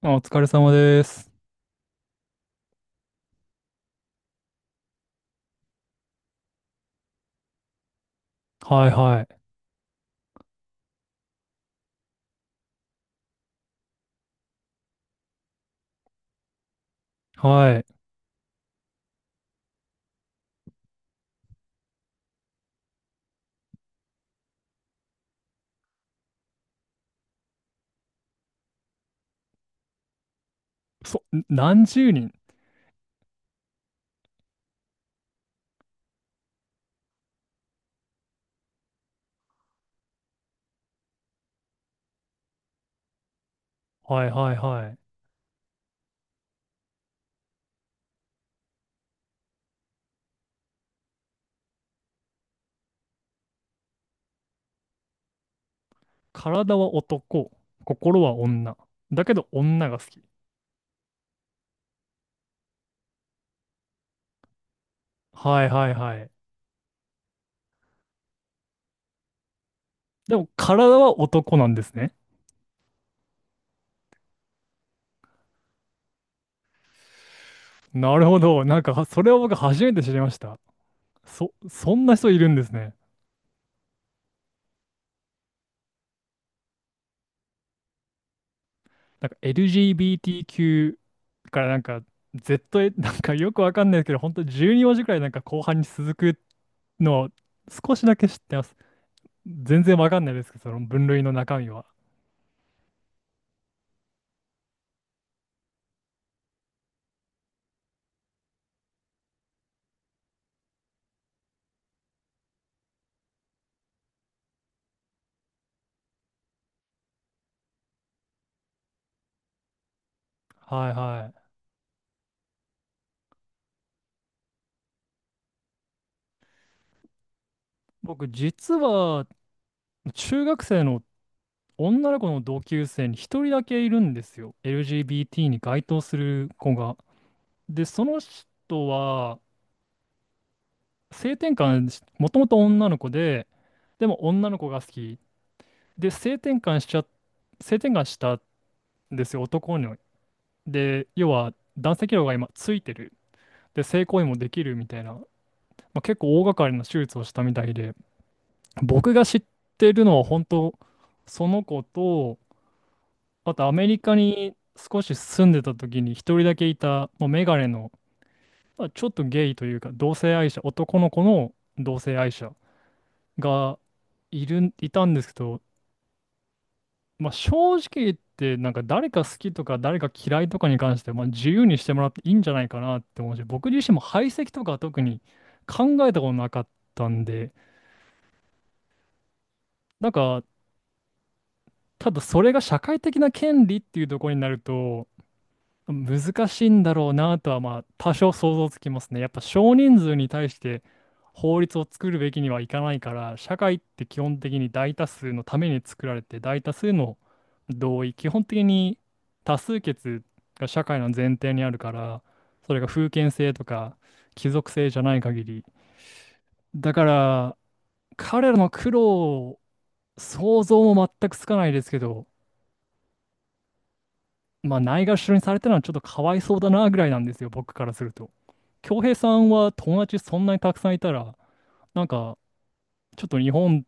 あ、お疲れ様です。はいはい。はい。そ、何十人。はいはいはい。体は男、心は女。だけど女が好き。はいはいはい。でも体は男なんですね。なるほど。それを僕初めて知りました。そ、そんな人いるんですね。なんか LGBTQ からZ、よくわかんないですけど、本当12文字くらい後半に続くのを少しだけ知ってます。全然わかんないですけど、その分類の中身は。はいはい。僕、実は、中学生の女の子の同級生に一人だけいるんですよ。LGBT に該当する子が。で、その人は、性転換し、もともと女の子で、でも女の子が好き。で、性転換しちゃ、性転換したんですよ、男に。で、要は男性器量が今ついてる。で、性行為もできるみたいな、まあ、結構大掛かりな手術をしたみたいで、僕が知ってるのは本当、その子と、あとアメリカに少し住んでた時に一人だけいた、もうメガネの、まあ、ちょっとゲイというか、同性愛者、男の子の同性愛者がいる、いたんですけど、まあ、正直言って、誰か好きとか誰か嫌いとかに関して、まあ、自由にしてもらっていいんじゃないかなって思うし、僕自身も排斥とかは特に考えたことなかったんで、なんか、ただそれが社会的な権利っていうところになると、難しいんだろうなとはまあ多少想像つきますね。やっぱ少人数に対して法律を作るべきにはいかないから、社会って基本的に大多数のために作られて、大多数の同意、基本的に多数決が社会の前提にあるから、それが封建制とか貴族制じゃない限り、だから彼らの苦労を想像も全くつかないですけど、まあ、ないがしろにされたのはちょっとかわいそうだなぐらいなんですよ、僕からすると。恭平さんは友達そんなにたくさんいたら、なんかちょっと日本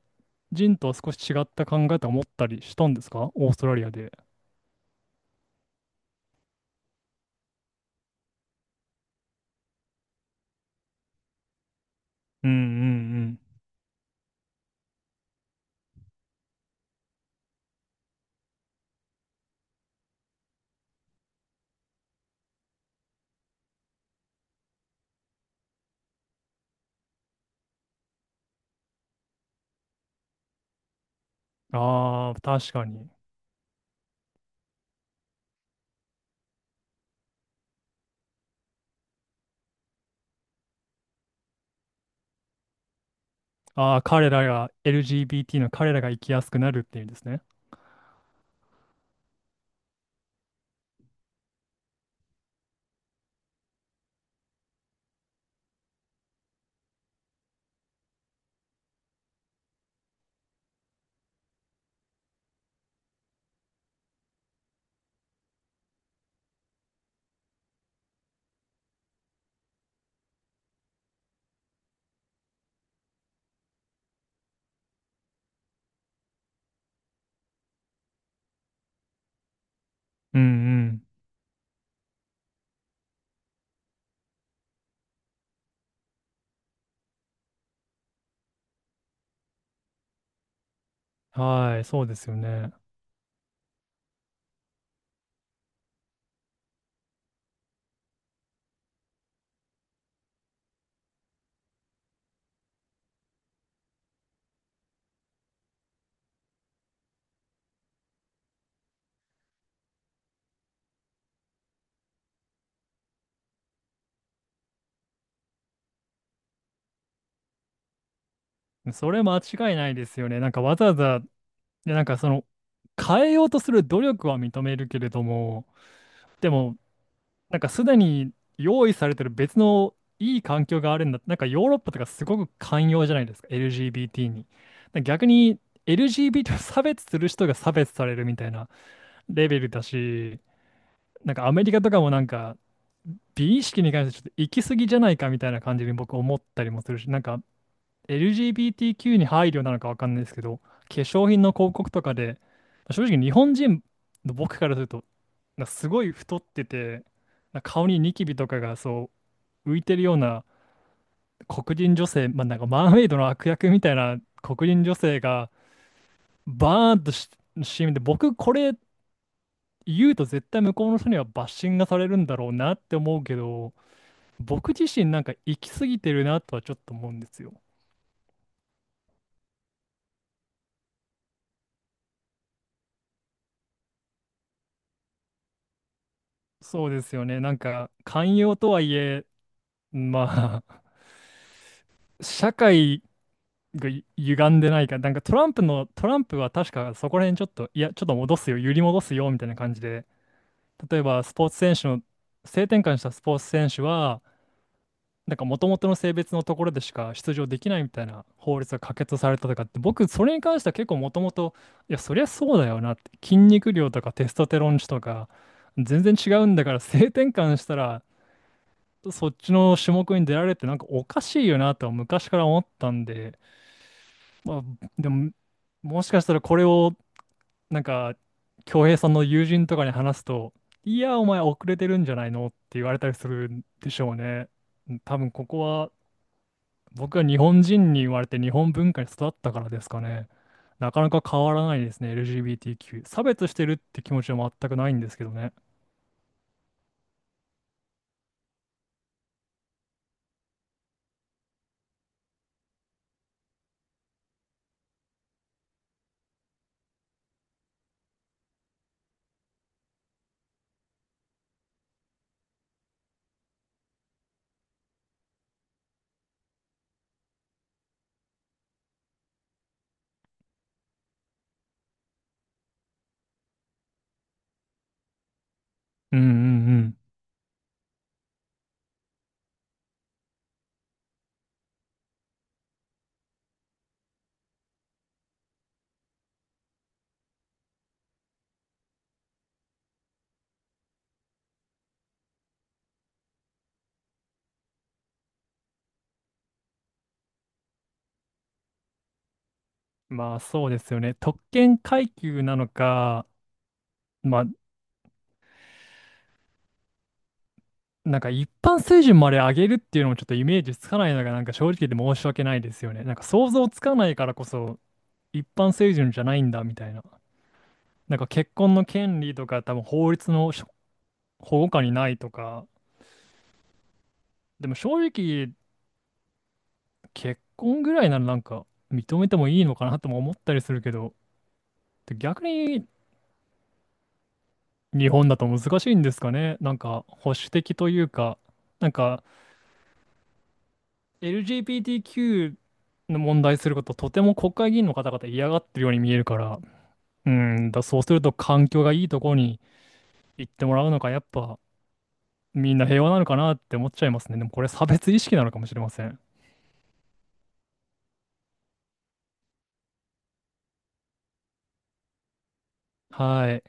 人とは少し違った考え方を持ったりしたんですか、オーストラリアで。うんうん。うん。ああ、確かに。ああ、彼らが LGBT の、彼らが生きやすくなるっていうんですね。うんうん。はい、そうですよね。それ間違いないですよね。なんかわざわざ、で、変えようとする努力は認めるけれども、でも、すでに用意されてる別のいい環境があるんだ。なんかヨーロッパとかすごく寛容じゃないですか、LGBT に。だ逆に LGBT を差別する人が差別されるみたいなレベルだし、アメリカとかも美意識に関してちょっと行き過ぎじゃないかみたいな感じに僕思ったりもするし、なんか LGBTQ に配慮なのかわかんないですけど、化粧品の広告とかで、正直日本人の僕からすると、なんかすごい太ってて、なんか顔にニキビとかがそう浮いてるような黒人女性、まあ、なんかマーメイドの悪役みたいな黒人女性がバーンとし CM で、僕これ言うと絶対向こうの人にはバッシングがされるんだろうなって思うけど、僕自身なんか行き過ぎてるなとはちょっと思うんですよ。そうですよね。なんか寛容とはいえ、まあ、社会がゆ歪んでないか、なんかトランプの、トランプは確かそこら辺ちょっと、いや、ちょっと戻すよ、揺り戻すよみたいな感じで、例えばスポーツ選手の、性転換したスポーツ選手は、なんか元々の性別のところでしか出場できないみたいな法律が可決されたとかって、僕、それに関しては結構もともと、いや、そりゃそうだよなって、筋肉量とかテストステロン値とか、全然違うんだから、性転換したら、そっちの種目に出られるってなんかおかしいよなとは昔から思ったんで、まあ、でも、もしかしたらこれを、なんか、恭平さんの友人とかに話すと、いや、お前遅れてるんじゃないのって言われたりするんでしょうね。うん、多分ここは、僕は日本人に言われて日本文化に育ったからですかね。なかなか変わらないですね、LGBTQ。差別してるって気持ちは全くないんですけどね。うんうん。うん。まあ、そうですよね。特権階級なのか、まあ、一般水準まで上げるっていうのもちょっとイメージつかないのがなんか正直で申し訳ないですよね。なんか想像つかないからこそ一般水準じゃないんだみたいな。なんか結婚の権利とか多分法律のしょ保護下にないとか。でも正直結婚ぐらいなら認めてもいいのかなとも思ったりするけど、逆に日本だと難しいんですかね。なんか保守的というか、なんか LGBTQ の問題することとても国会議員の方々嫌がってるように見えるから、うん、だそうすると環境がいいところに行ってもらうのか、やっぱみんな平和なのかなって思っちゃいますね。でもこれ差別意識なのかもしれません。はい。